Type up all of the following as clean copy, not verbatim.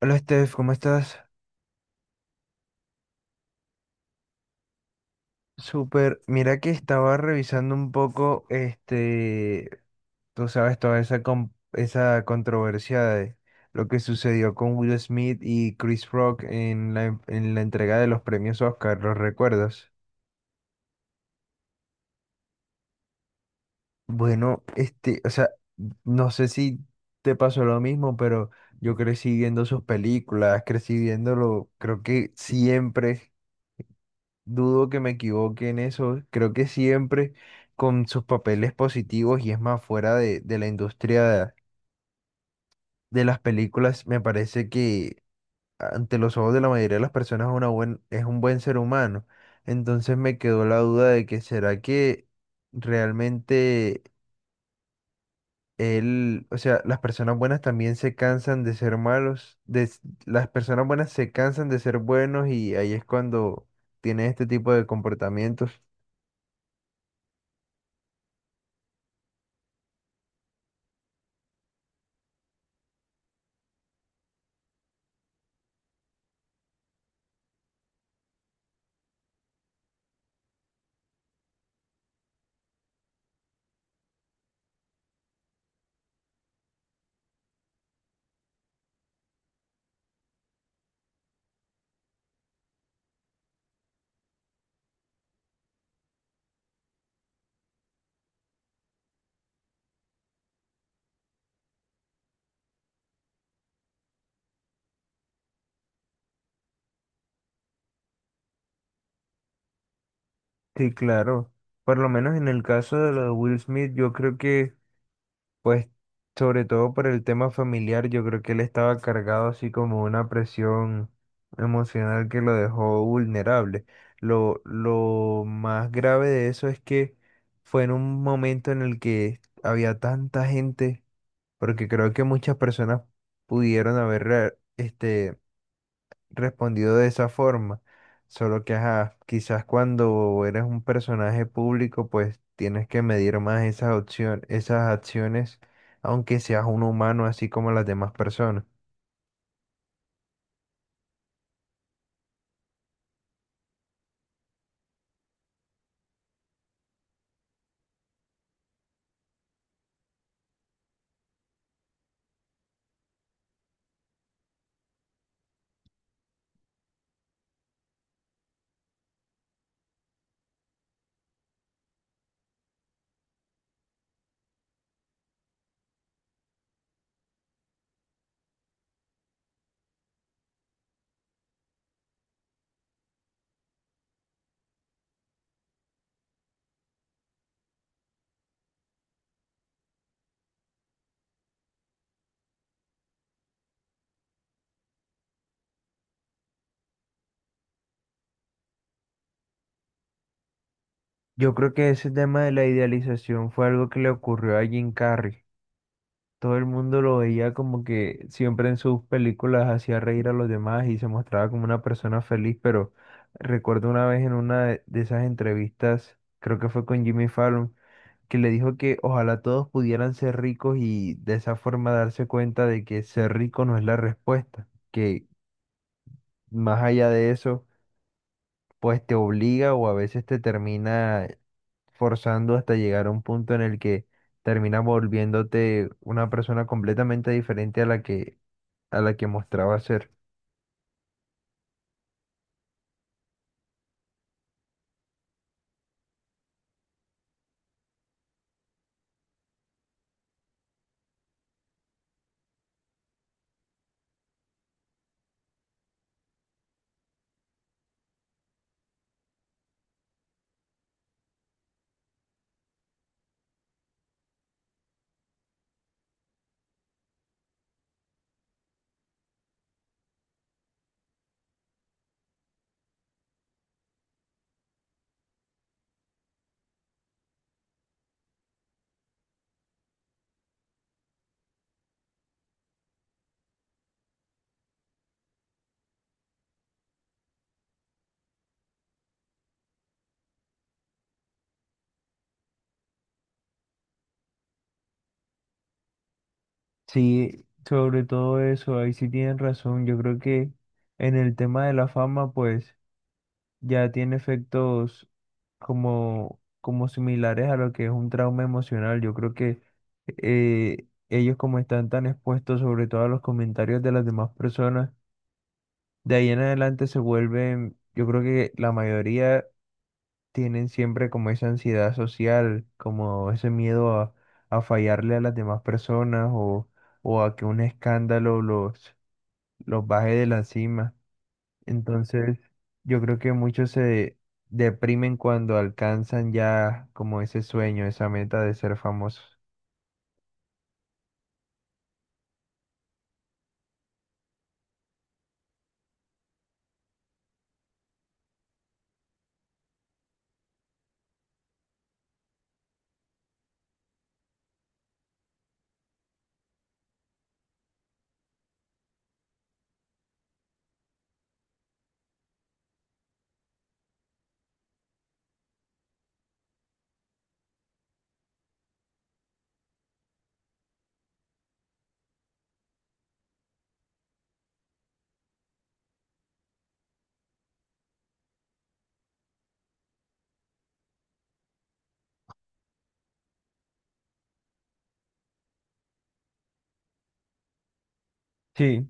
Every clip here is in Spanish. Hola Steph, ¿cómo estás? Súper. Mira que estaba revisando un poco, tú sabes, toda esa, esa controversia de lo que sucedió con Will Smith y Chris Rock en la entrega de los premios Oscar, ¿los recuerdas? Bueno, o sea, no sé si te pasó lo mismo, pero yo crecí viendo sus películas, crecí viéndolo, creo que siempre. Dudo que me equivoque en eso. Creo que siempre con sus papeles positivos y es más fuera de la industria de las películas, me parece que ante los ojos de la mayoría de las personas es un buen ser humano. Entonces me quedó la duda de que será que realmente él, o sea, las personas buenas también se cansan de ser malos, las personas buenas se cansan de ser buenos y ahí es cuando tiene este tipo de comportamientos. Sí, claro. Por lo menos en el caso de lo de Will Smith, yo creo que, pues, sobre todo por el tema familiar, yo creo que él estaba cargado así como una presión emocional que lo dejó vulnerable. Lo más grave de eso es que fue en un momento en el que había tanta gente, porque creo que muchas personas pudieron haber respondido de esa forma. Solo que, ajá, quizás cuando eres un personaje público, pues tienes que medir más esas opciones, esas acciones, aunque seas un humano así como las demás personas. Yo creo que ese tema de la idealización fue algo que le ocurrió a Jim Carrey. Todo el mundo lo veía como que siempre en sus películas hacía reír a los demás y se mostraba como una persona feliz, pero recuerdo una vez en una de esas entrevistas, creo que fue con Jimmy Fallon, que le dijo que ojalá todos pudieran ser ricos y de esa forma darse cuenta de que ser rico no es la respuesta, que más allá de eso, pues te obliga o a veces te termina forzando hasta llegar a un punto en el que terminas volviéndote una persona completamente diferente a la que mostraba ser. Sí, sobre todo eso, ahí sí tienen razón. Yo creo que en el tema de la fama, pues ya tiene efectos como similares a lo que es un trauma emocional. Yo creo que ellos como están tan expuestos sobre todo a los comentarios de las demás personas, de ahí en adelante se vuelven, yo creo que la mayoría tienen siempre como esa ansiedad social, como ese miedo a fallarle a las demás personas o a que un escándalo los baje de la cima. Entonces, yo creo que muchos se deprimen cuando alcanzan ya como ese sueño, esa meta de ser famosos. Sí,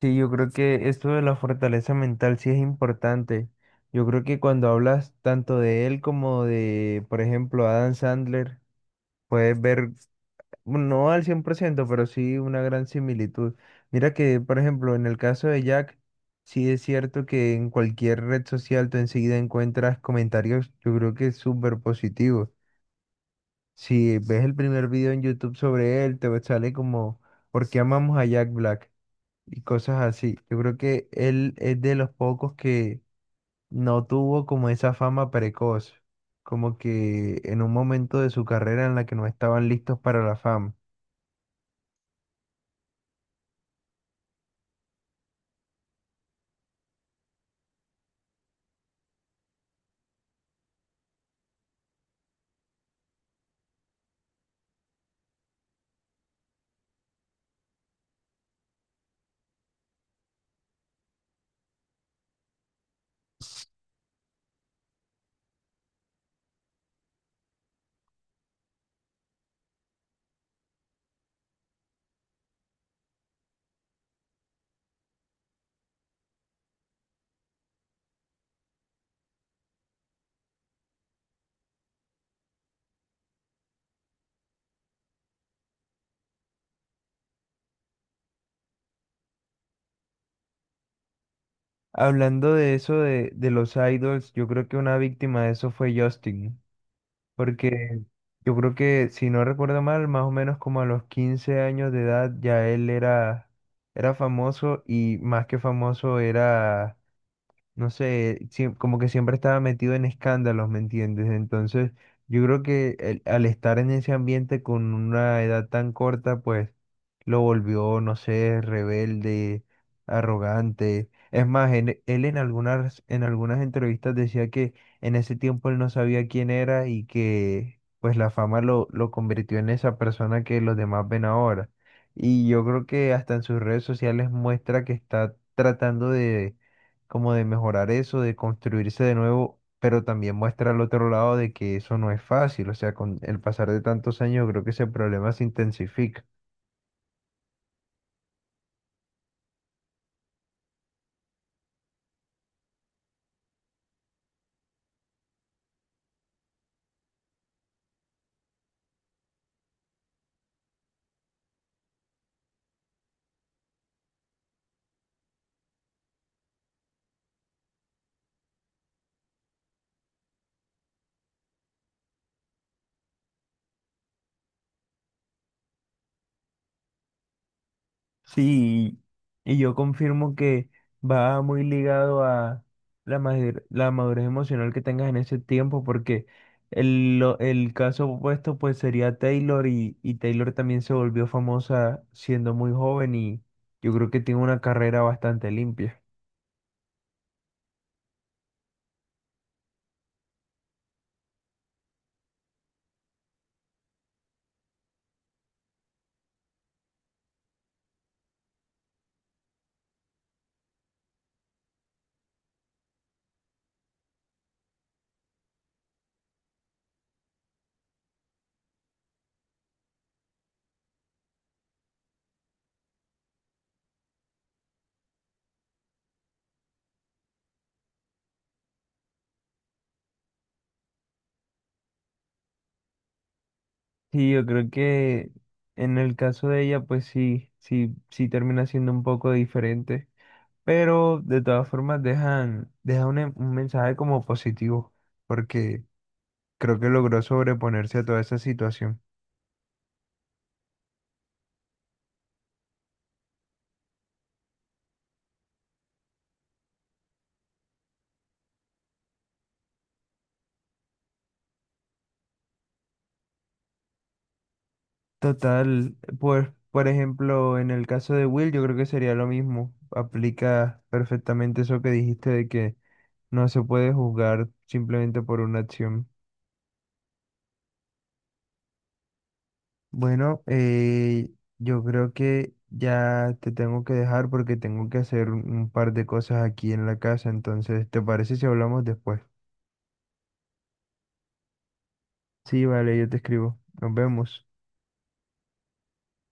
sí, yo creo que esto de la fortaleza mental sí es importante. Yo creo que cuando hablas tanto de él como de, por ejemplo, Adam Sandler, puedes ver bueno, no al 100% pero sí una gran similitud. Mira que, por ejemplo, en el caso de Jack, sí es cierto que en cualquier red social tú enseguida encuentras comentarios, yo creo que súper positivos. Si ves el primer video en YouTube sobre él, te sale como, ¿por qué amamos a Jack Black? Y cosas así. Yo creo que él es de los pocos que no tuvo como esa fama precoz, como que en un momento de su carrera en la que no estaban listos para la fama. Hablando de eso de los idols, yo creo que una víctima de eso fue Justin, porque yo creo que, si no recuerdo mal, más o menos como a los 15 años de edad ya él era famoso y más que famoso era no sé, como que siempre estaba metido en escándalos, ¿me entiendes? Entonces, yo creo que al estar en ese ambiente con una edad tan corta, pues lo volvió, no sé, rebelde, arrogante. Es más, él en algunas entrevistas decía que en ese tiempo él no sabía quién era y que pues la fama lo convirtió en esa persona que los demás ven ahora. Y yo creo que hasta en sus redes sociales muestra que está tratando de como de mejorar eso, de construirse de nuevo, pero también muestra al otro lado de que eso no es fácil, o sea, con el pasar de tantos años creo que ese problema se intensifica. Sí, y yo confirmo que va muy ligado a la madurez emocional que tengas en ese tiempo, porque el caso opuesto pues sería Taylor y Taylor también se volvió famosa siendo muy joven y yo creo que tiene una carrera bastante limpia. Sí, yo creo que en el caso de ella, pues sí, sí, sí termina siendo un poco diferente, pero de todas formas deja un mensaje como positivo, porque creo que logró sobreponerse a toda esa situación. Total, pues, por ejemplo, en el caso de Will, yo creo que sería lo mismo. Aplica perfectamente eso que dijiste de que no se puede juzgar simplemente por una acción. Bueno, yo creo que ya te tengo que dejar porque tengo que hacer un par de cosas aquí en la casa. Entonces, ¿te parece si hablamos después? Sí, vale, yo te escribo. Nos vemos.